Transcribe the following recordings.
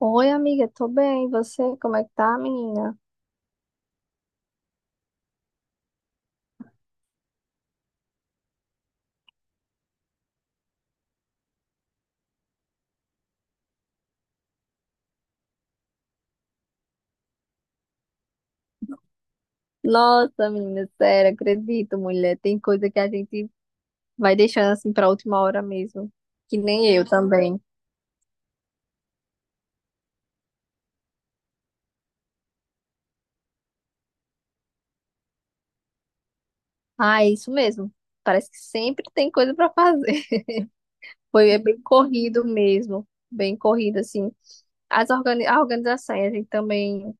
Oi, amiga, tô bem. E você, como é que tá, menina? Nossa, menina, sério, acredito, mulher. Tem coisa que a gente vai deixando assim pra última hora mesmo. Que nem eu também. Ah, é isso mesmo. Parece que sempre tem coisa pra fazer. Foi é bem corrido mesmo. Bem corrido, assim. As organi a organização, a gente também.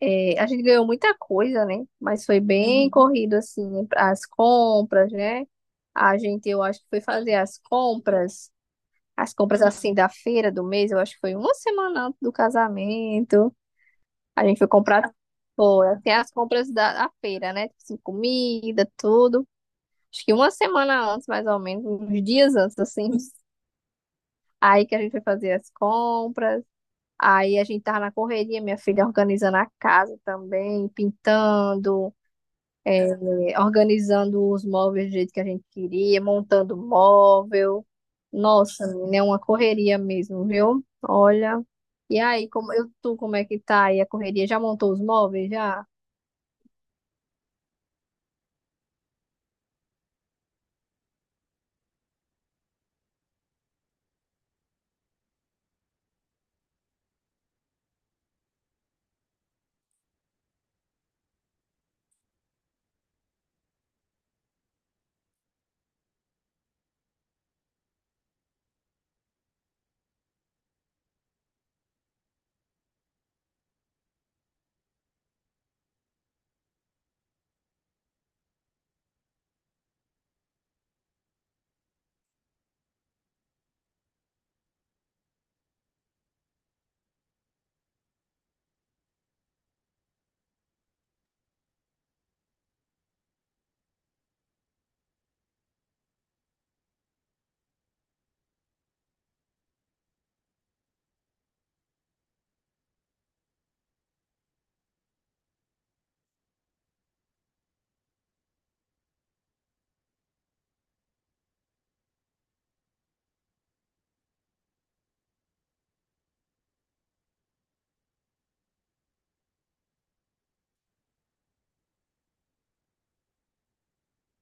É, a gente ganhou muita coisa, né? Mas foi bem corrido, assim, as compras, né? A gente, eu acho que foi fazer as compras. As compras assim da feira do mês, eu acho que foi uma semana antes do casamento. A gente foi comprar, pô, tem as compras da feira, né? Tipo assim, comida, tudo. Acho que uma semana antes, mais ou menos, uns dias antes, assim. Aí que a gente foi fazer as compras. Aí a gente tava na correria, minha filha organizando a casa também, pintando, é, organizando os móveis do jeito que a gente queria, montando móvel. Nossa, menina, é uma correria mesmo, viu? Olha. E aí, tu, como é que tá aí a correria? Já montou os móveis já?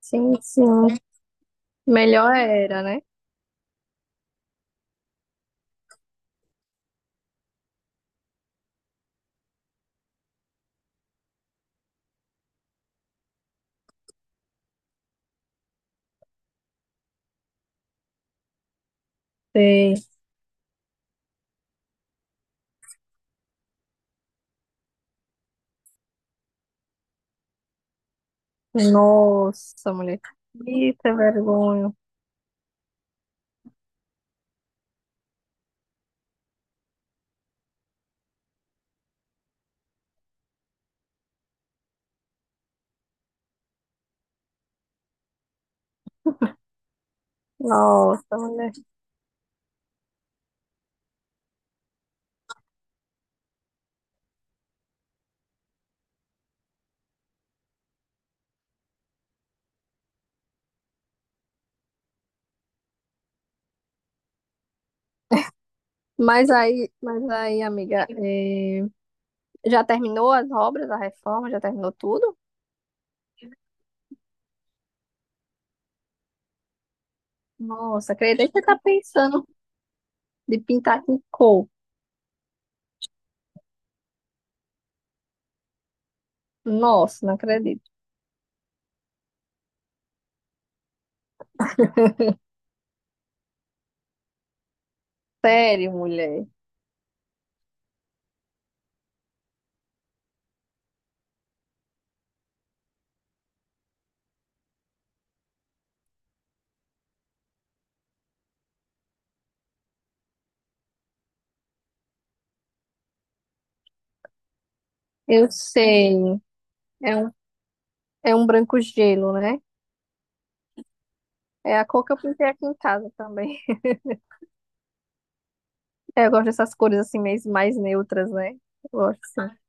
Sim, sim. Melhor era, né? Sei. Nossa, mulher. Eita, vergonha. Nossa, mulher. Mas aí, amiga, já terminou as obras, a reforma, já terminou tudo? Nossa, acredito que você tá pensando de pintar com cor. Nossa, não acredito. Sério, mulher. Eu sei. É um, é um branco gelo, né? É a cor que eu pintei aqui em casa também. Eu gosto dessas cores assim, mais neutras, né? Eu gosto, sim.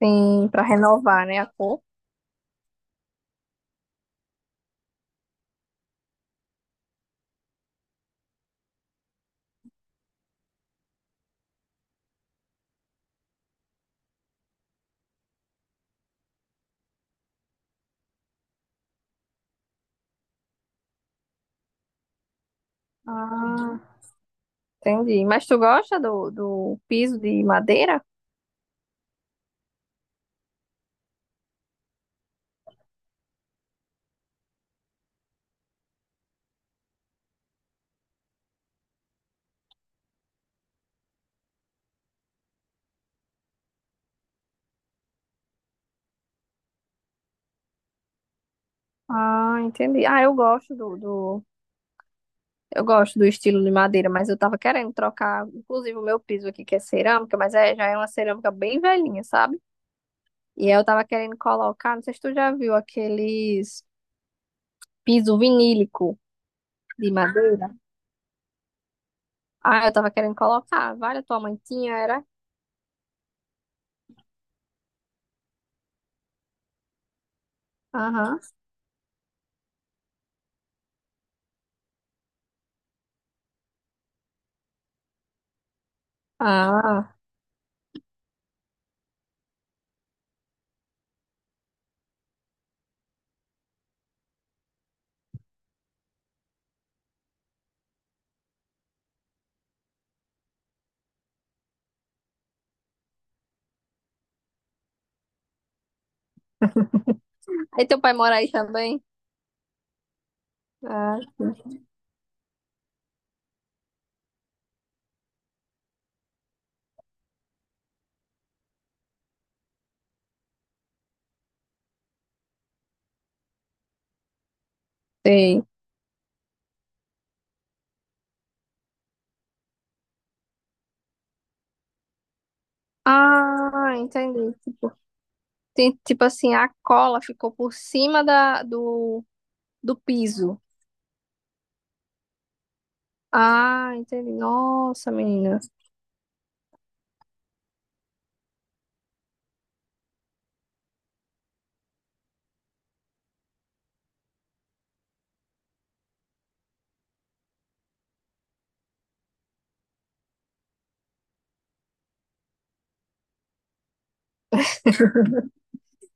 Tem pra renovar, né, a cor. Ah, entendi. Mas tu gosta do piso de madeira? Ah, entendi. Eu gosto do estilo de madeira, mas eu tava querendo trocar, inclusive, o meu piso aqui, que é cerâmica, mas é, já é uma cerâmica bem velhinha, sabe? E aí eu tava querendo colocar, não sei se tu já viu aqueles piso vinílico de madeira. Ah, eu tava querendo colocar. Vale, a tua mãe tinha, era? Aham. Ah. Aí teu pai mora aí também? Ah, sei. Ah, entendi. Tipo, tem, tipo assim, a cola ficou por cima do piso. Ah, entendi. Nossa, menina.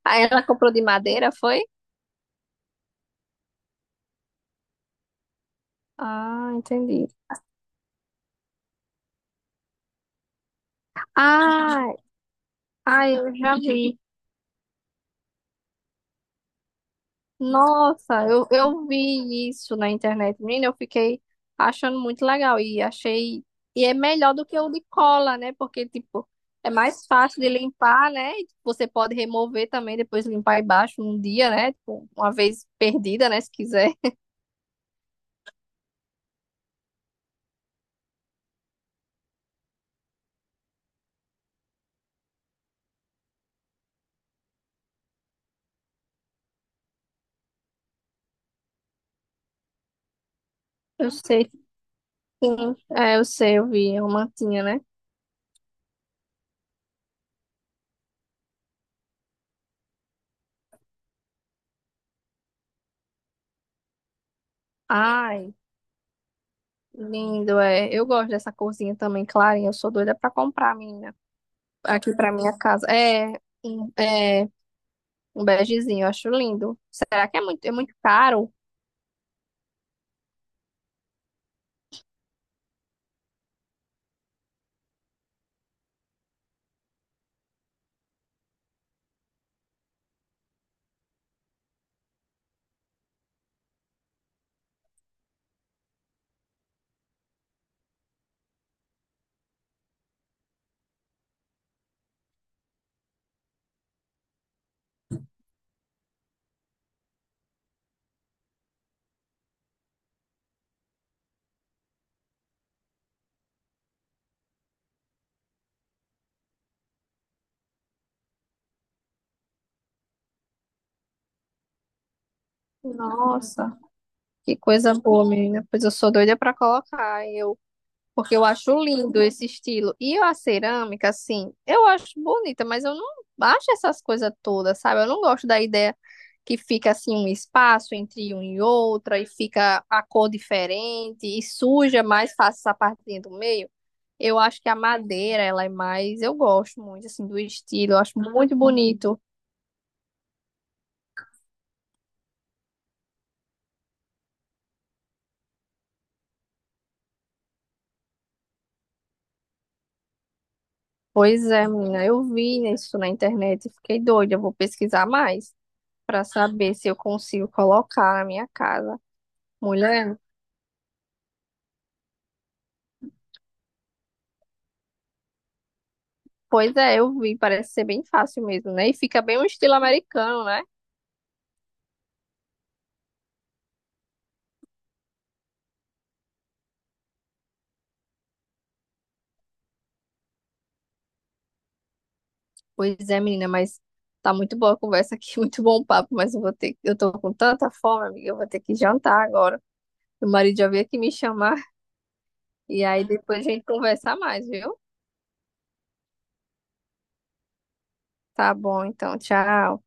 Aí ela comprou de madeira, foi? Ah, entendi. Ah, ah, eu já vi. Nossa, eu vi isso na internet, menina, eu fiquei achando muito legal e achei, e é melhor do que o de cola, né? Porque, tipo, é mais fácil de limpar, né? E você pode remover também, depois limpar embaixo um dia, né? Tipo, uma vez perdida, né? Se quiser. Eu sei, sim. É, eu sei, eu vi, é uma mantinha, né? Ai, lindo, é. Eu gosto dessa corzinha também, clarinha, eu sou doida pra comprar, menina, aqui pra minha casa. É. Um begezinho, eu acho lindo. Será que é muito caro? Nossa, que coisa boa, menina. Pois eu sou doida pra colocar. Porque eu acho lindo esse estilo. E a cerâmica, assim, eu acho bonita, mas eu não acho essas coisas todas, sabe? Eu não gosto da ideia que fica assim um espaço entre um e outra e fica a cor diferente e suja mais fácil essa partezinha do meio. Eu acho que a madeira, ela é mais, eu gosto muito assim do estilo, eu acho muito bonito. Pois é, menina, eu vi isso na internet e fiquei doida. Eu vou pesquisar mais para saber se eu consigo colocar na minha casa. Mulher, pois é, eu vi, parece ser bem fácil mesmo, né? E fica bem um estilo americano, né? Pois é, menina, mas tá muito boa a conversa aqui, muito bom o papo, mas eu tô com tanta fome, amiga, eu vou ter que jantar agora. Meu marido já veio aqui me chamar e aí depois a gente conversa mais, viu? Tá bom, então, tchau.